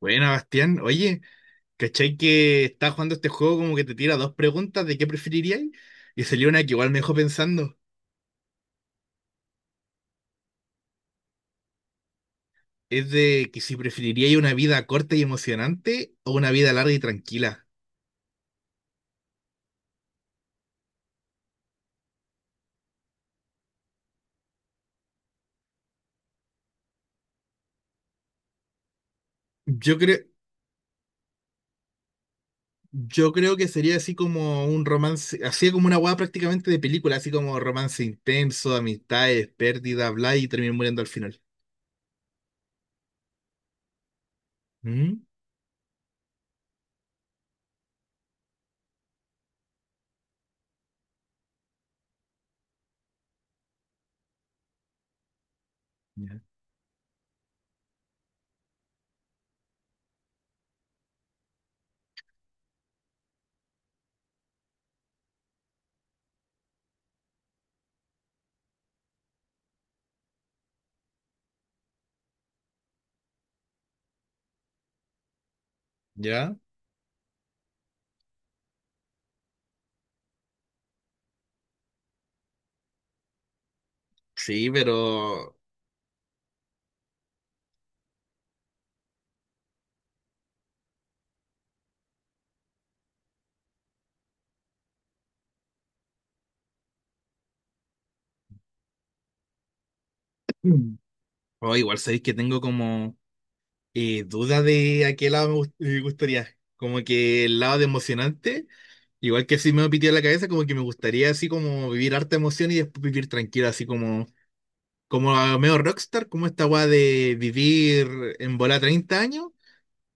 Bueno, Bastián, oye, ¿cachai que estaba jugando este juego como que te tira dos preguntas de qué preferiríais? Y salió una que igual me dejó pensando. Es de que si preferiríais una vida corta y emocionante o una vida larga y tranquila. Yo creo, yo creo que sería así como un romance, así como una hueá prácticamente de película, así como romance intenso, amistades, pérdidas, bla, y terminan muriendo al final. ¿Mm? ¿Ya? ¿Ya? Sí, pero... Mm. Oh, igual sabéis que tengo como... duda de a qué lado me gustaría. Como que el lado de emocionante, igual que si me pitió la cabeza, como que me gustaría así como vivir harta emoción y después vivir tranquilo, así como, como a medio rockstar, como esta weá de vivir en bola 30 años,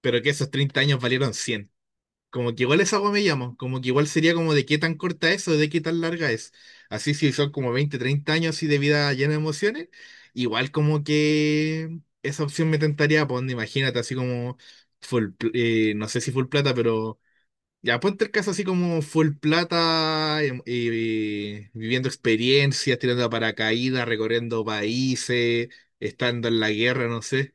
pero que esos 30 años valieron 100, como que igual esa agua me llamo, como que igual sería como de qué tan corta es o de qué tan larga es. Así si son como 20 30 años así de vida llena de emociones, igual como que esa opción me tentaría, pues imagínate, así como full, no sé si full plata, pero ya ponte el caso así como full plata, viviendo experiencias, tirando a paracaídas, recorriendo países, estando en la guerra, no sé.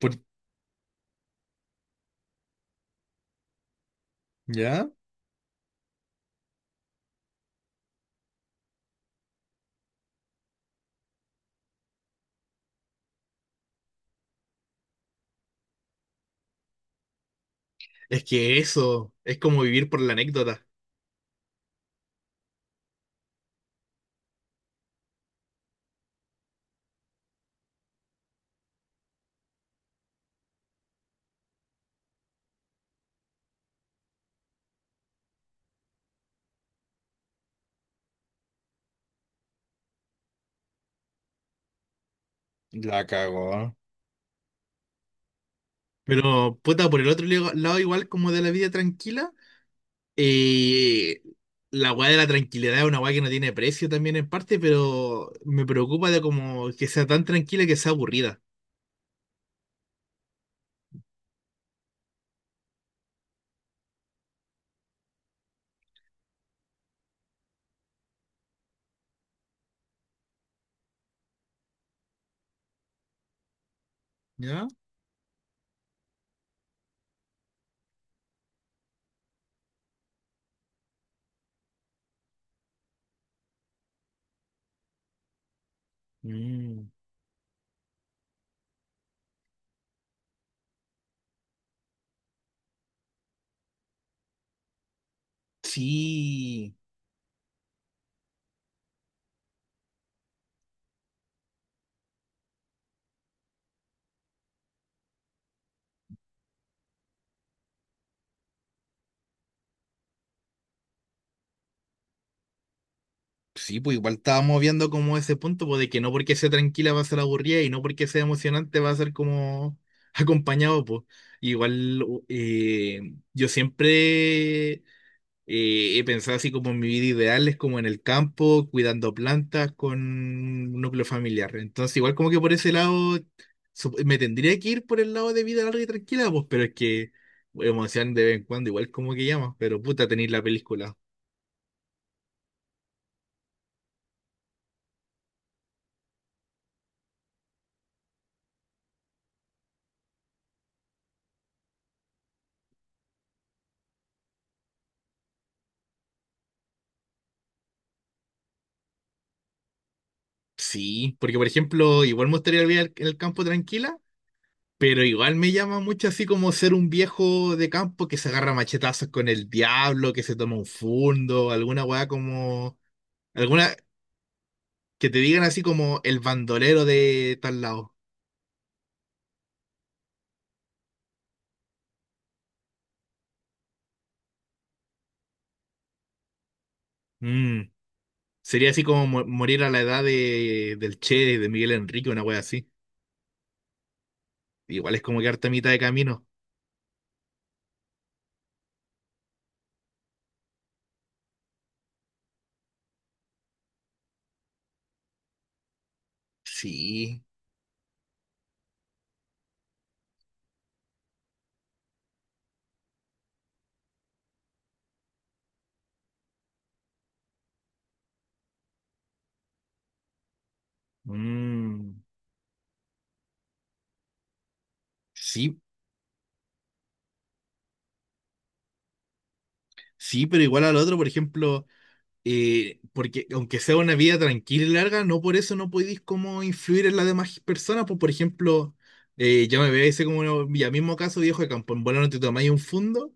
Por- ¿Ya? Es que eso es como vivir por la anécdota. La cagó. Pero, puta, por el otro lado, igual como de la vida tranquila, eh, la weá de la tranquilidad es una weá que no tiene precio también en parte, pero me preocupa de como que sea tan tranquila que sea aburrida. ¿Ya? Mm. Sí. Sí, pues igual estábamos viendo como ese punto, pues de que no porque sea tranquila va a ser aburrida y no porque sea emocionante va a ser como acompañado, pues. Igual eh, yo siempre he pensado así como en mi vida ideal, es como en el campo, cuidando plantas con un núcleo familiar. Entonces, igual como que por ese lado, me tendría que ir por el lado de vida larga y tranquila, pues, pero es que emoción de vez en cuando, igual como que llama, pero puta, tenéis la película. Sí, porque por ejemplo, igual me gustaría vivir en el campo tranquila, pero igual me llama mucho así como ser un viejo de campo que se agarra machetazos con el diablo, que se toma un fundo, alguna weá como... Alguna, que te digan así como el bandolero de tal lado. Mm, sería así como morir a la edad de, del Che, de Miguel Enrique, una wea así. Igual es como quedarte a mitad de camino. Sí. Mm, sí, sí, pero igual al otro, por ejemplo, porque aunque sea una vida tranquila y larga, no por eso no podéis como influir en las demás personas. Pues, por ejemplo, yo me veo ese como ya mismo caso, viejo de campo. En bola no te tomáis un fundo,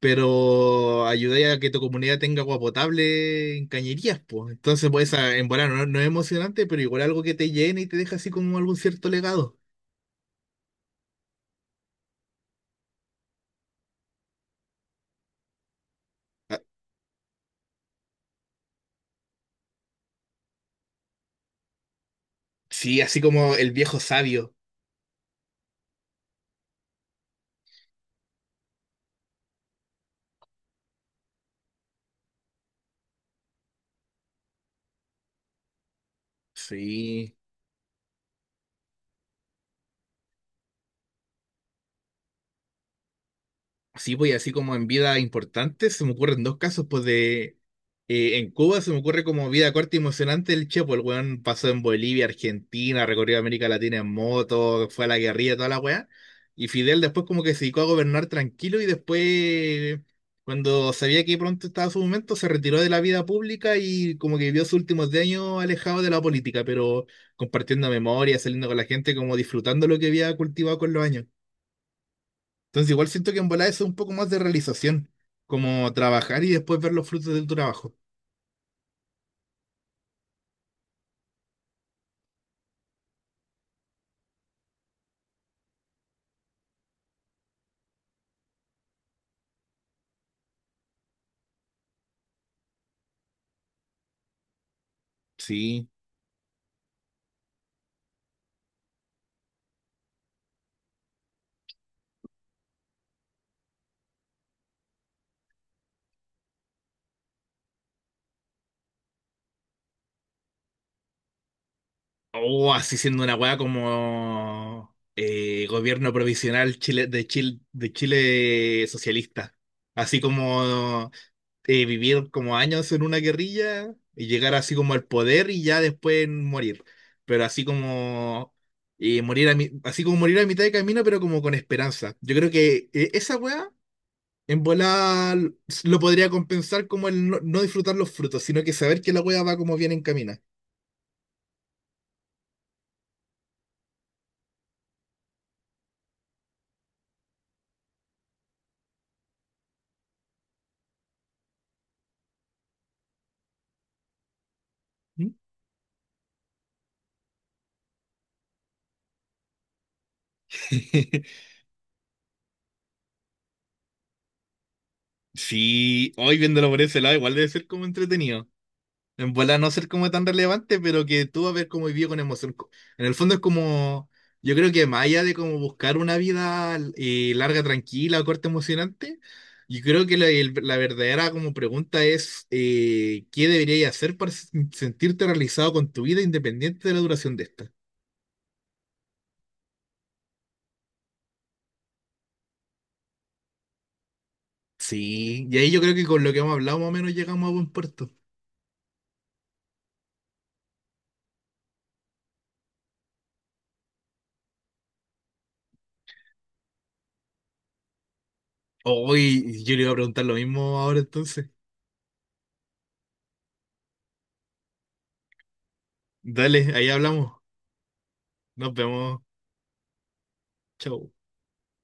pero ayudáis a que tu comunidad tenga agua potable en cañerías, pues. Entonces, pues, esa- en volar no, no es emocionante, pero igual algo que te llene y te deja así como algún cierto legado. Ah, sí, así como el viejo sabio. Sí. Sí, pues y así como en vida importante, se me ocurren dos casos, pues de... en Cuba se me ocurre como vida corta y emocionante el Chepo, el weón pasó en Bolivia, Argentina, recorrió América Latina en moto, fue a la guerrilla, toda la weá. Y Fidel después como que se dedicó a gobernar tranquilo y después, cuando sabía que pronto estaba su momento, se retiró de la vida pública y como que vivió sus últimos 10 años alejado de la política, pero compartiendo memoria, saliendo con la gente, como disfrutando lo que había cultivado con los años. Entonces igual siento que en volar eso es un poco más de realización, como trabajar y después ver los frutos de tu trabajo. Sí. O así siendo una weá como gobierno provisional Chile, de Chile, de Chile socialista. Así como vivir como años en una guerrilla y llegar así como al poder y ya después morir. Pero así como así como morir a mitad de camino, pero como con esperanza. Yo creo que esa weá en volar lo podría compensar como el no, no disfrutar los frutos, sino que saber que la hueá va como bien encamina. ¿Mm? Sí, hoy viéndolo por ese lado, igual debe ser como entretenido. En volar no ser como tan relevante, pero que tú vas a ver cómo vivió con emoción. En el fondo es como, yo creo que más allá de como buscar una vida larga, tranquila, o corta, emocionante, yo creo que la verdadera como pregunta es, ¿qué deberías hacer para sentirte realizado con tu vida independiente de la duración de esta? Sí, y ahí yo creo que con lo que hemos hablado más o menos llegamos a buen puerto. Hoy yo le iba a preguntar lo mismo ahora entonces. Dale, ahí hablamos. Nos vemos. Chau.